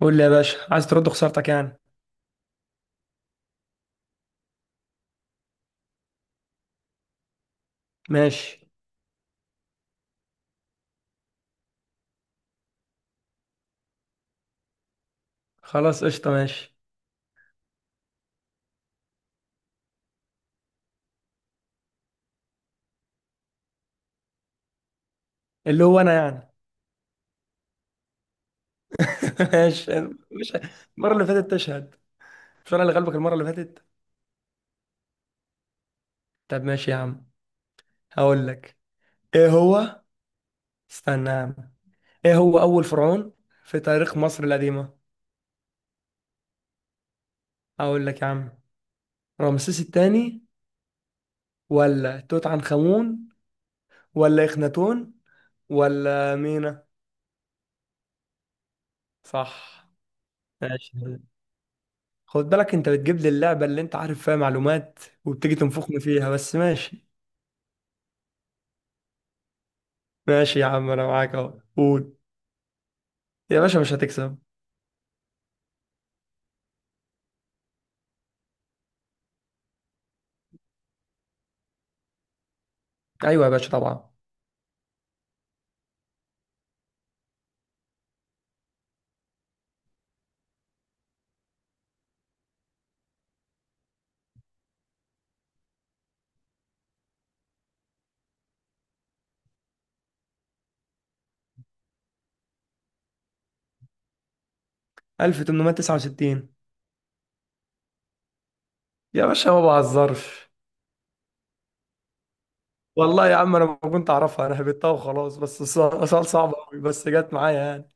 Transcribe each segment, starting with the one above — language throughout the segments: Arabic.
قول لي يا باشا، عايز ترد خسارتك يعني؟ ماشي. خلاص قشطه، ماشي. اللي هو انا يعني؟ ماشي. مش المره اللي فاتت تشهد؟ مش انا اللي غلبك المره اللي فاتت؟ طب ماشي يا عم، هقول لك. ايه هو؟ استنى يا عم. ايه هو اول فرعون في تاريخ مصر القديمه؟ هقول لك يا عم: رمسيس الثاني، ولا توت عنخ امون، ولا اخناتون، ولا مينا؟ صح. ماشي. خد بالك، انت بتجيب لي اللعبه اللي انت عارف فيها معلومات وبتيجي تنفخني فيها، بس ماشي. ماشي يا عم، انا معاك اهو قول. يا باشا مش هتكسب. ايوه يا باشا طبعا. 1869. يا باشا ما بهزرش. والله يا عم انا ما كنت اعرفها، انا هبتها وخلاص، بس السؤال سؤال صعب قوي بس جت معايا يعني.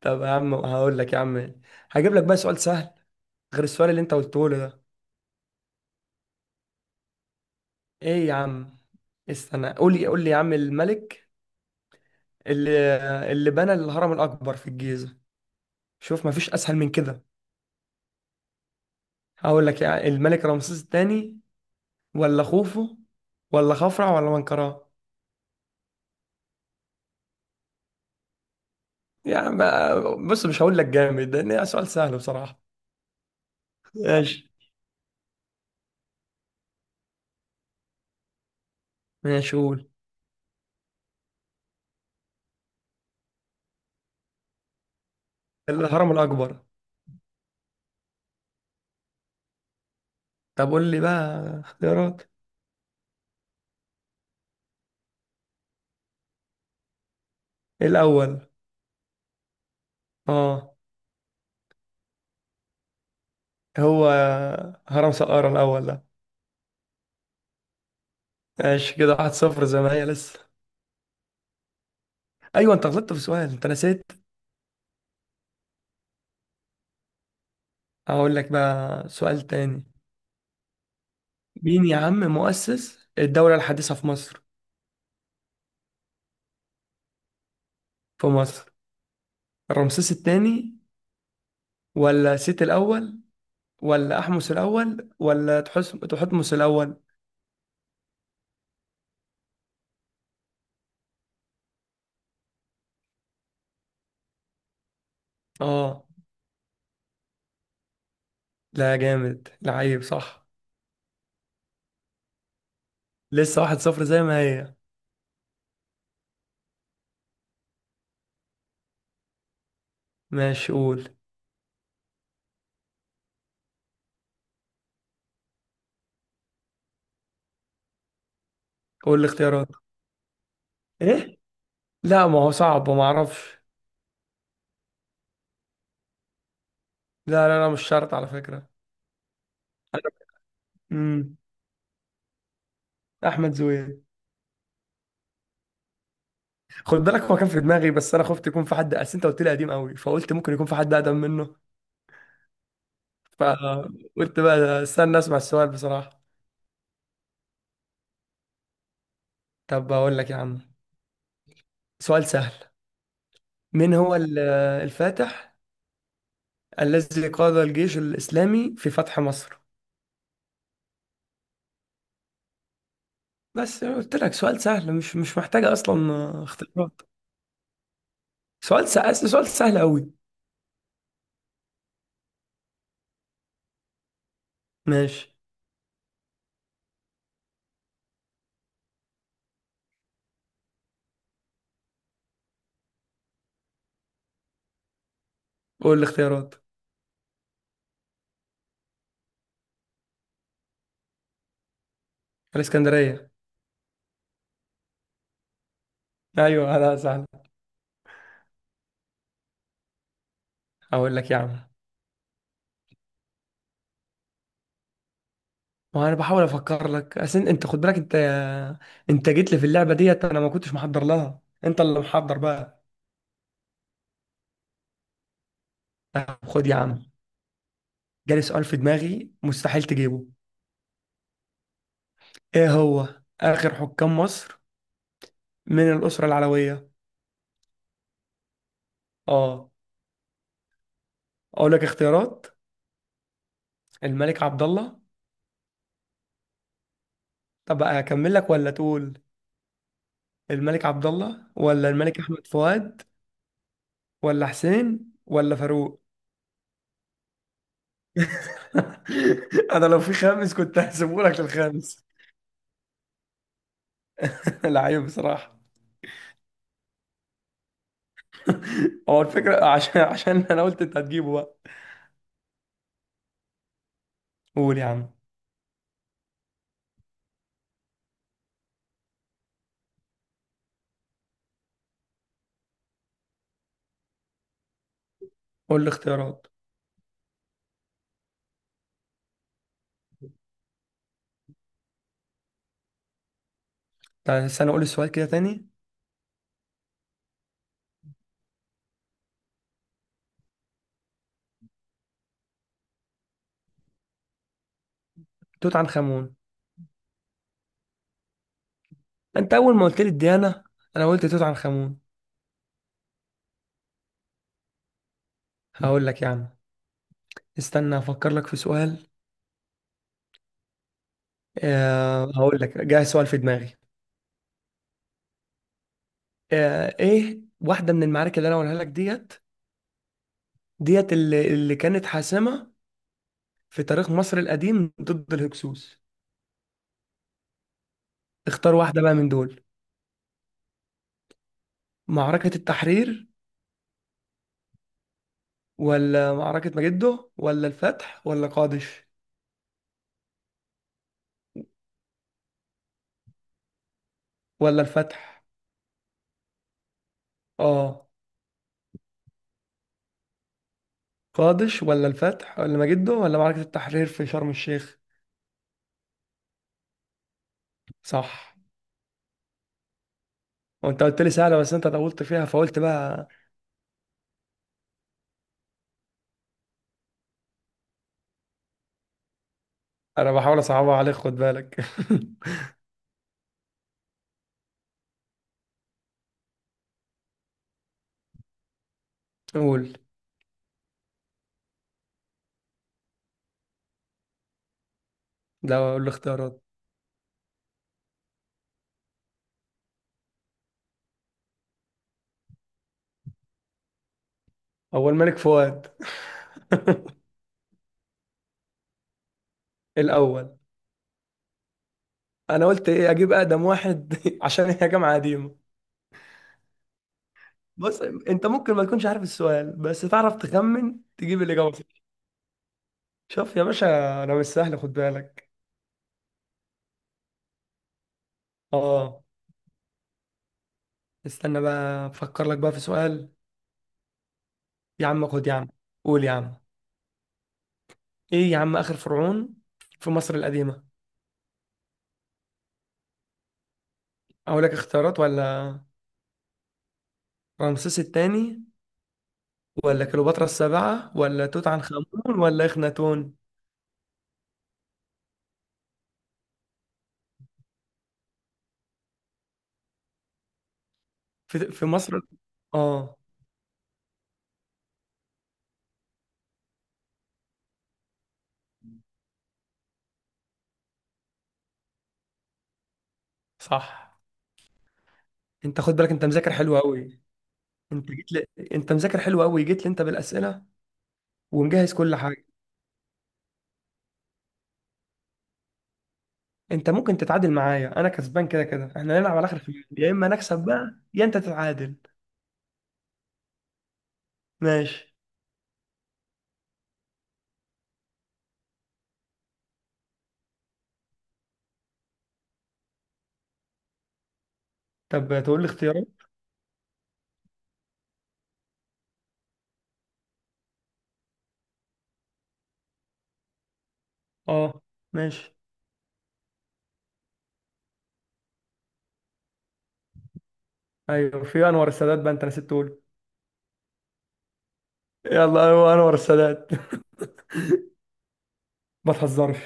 طب يا عم هقول لك يا عم، هجيب لك بقى سؤال سهل غير السؤال اللي انت قلته لي ده. ايه يا عم؟ استنى. قول لي، قول لي يا عم، الملك اللي اللي بنى الهرم الاكبر في الجيزة. شوف، ما فيش اسهل من كده. هقول لك يا: الملك رمسيس الثاني، ولا خوفو، ولا خفرع، ولا منقرع؟ يعني بص، مش هقول لك جامد لان سؤال سهل بصراحة. ماشي. ماشي قول. الهرم الأكبر. طب قول لي بقى اختيارات. الأول. اه، هو هرم سقارة الأول ده. ماشي كده، واحد صفر زي ما هي لسه. أيوة أنت غلطت في سؤال، أنت نسيت. هقول لك بقى سؤال تاني. مين يا عم مؤسس الدولة الحديثة في مصر؟ في مصر: رمسيس التاني، ولا سيت الأول، ولا احمس الاول، ولا تحس تحتمس الاول؟ اه. لا، جامد لعيب، صح. لسه واحد صفر زي ما هي. ماشي قول. قول الاختيارات. ايه؟ لا، ما هو صعب وما اعرفش. لا لا لا، مش شرط على فكرة. امم، احمد زويل. خد بالك، هو كان في دماغي بس انا خفت يكون في حد، اصل انت قلت لي قديم قوي فقلت ممكن يكون في حد اقدم منه. فقلت بقى استنى اسمع السؤال بصراحة. طب بقول لك يا عم، سؤال سهل. مين هو الفاتح الذي قاد الجيش الإسلامي في فتح مصر؟ بس قلت لك سؤال سهل، مش محتاج أصلا اختيارات. سؤال سهل، سؤال سهل أوي. ماشي قول الاختيارات. الإسكندرية. أيوه هذا سهل. أقول لك يا عم. وأنا بحاول أفكر لك، أصل أنت خد بالك. أنت جيت لي في اللعبة ديت، أنا ما كنتش محضر لها، أنت اللي محضر بقى. طب خد يا عم. جالي سؤال في دماغي مستحيل تجيبه. إيه هو؟ آخر حكام مصر من الأسرة العلوية؟ أه. أقول لك اختيارات؟ الملك عبد الله. طب اكمل لك ولا تقول؟ الملك عبد الله، ولا الملك احمد فؤاد، ولا حسين، ولا فاروق؟ انا لو في خامس كنت هسيبه لك للخامس. لعيب بصراحه. هو الفكره عشان عشان انا قلت انت هتجيبه بقى. قول يا عم. قول لي اختيارات. طيب، بس انا اقول السؤال كده تاني. توت عنخ امون. انت اول ما قلت لي الديانه، انا قلت توت عنخ امون. هقول لك يا عم، استنى افكر لك في سؤال. هقول لك جاي سؤال في دماغي. ايه واحده من المعارك اللي انا هقولها لك ديت، ديت اللي كانت حاسمه في تاريخ مصر القديم ضد الهكسوس؟ اختار واحده بقى من دول. معركه التحرير، ولا معركه مجده، ولا الفتح، ولا قادش؟ ولا الفتح؟ اه. قادش، ولا الفتح، ولا مجده، ولا معركه التحرير في شرم الشيخ؟ صح. وانت قلت لي سهله بس انت طولت فيها فقلت بقى. انا بحاول اصعبها عليك، خد بالك. قول. ده اقول الاختيارات. اول ملك فؤاد. الاول. انا قلت ايه اجيب اقدم واحد عشان هي جامعه قديمه. بص، انت ممكن ما تكونش عارف السؤال بس تعرف تخمن تجيب الاجابه صح. شوف يا باشا، انا مش سهل خد بالك. اه. استنى بقى افكر لك بقى في سؤال. يا عم خد يا عم. قول يا عم. ايه يا عم اخر فرعون في مصر القديمه؟ اقول لك اختيارات ولا؟ رمسيس الثاني، ولا كليوباترا السابعه، ولا توت عنخ امون، ولا اخناتون؟ في مصر. اه. صح. انت خد بالك، انت مذاكر حلو قوي. انت جيت لي، انت مذاكر حلو قوي، جيت لي انت بالاسئله ومجهز كل حاجه. انت ممكن تتعادل معايا، انا كسبان كده كده. احنا هنلعب على اخر خميس، يا اما نكسب بقى يا انت تتعادل. ماشي. طب تقول لي اختيارات. اه. ماشي. ايوه في انور السادات بقى انت نسيت تقول. يلا ايوه انور السادات. ما تهزرش.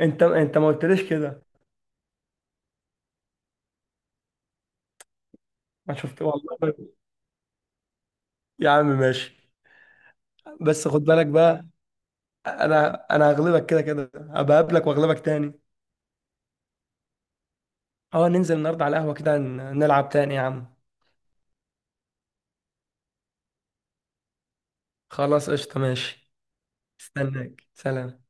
انت ما قلتليش كده. ما شفت والله. يا عم ماشي. بس خد بالك بقى. انا هغلبك كده كده، هبقى اقابلك واغلبك تاني. اه ننزل النهارده على القهوه كده، نلعب تاني يا عم. خلاص قشطة ماشي. استناك، سلام.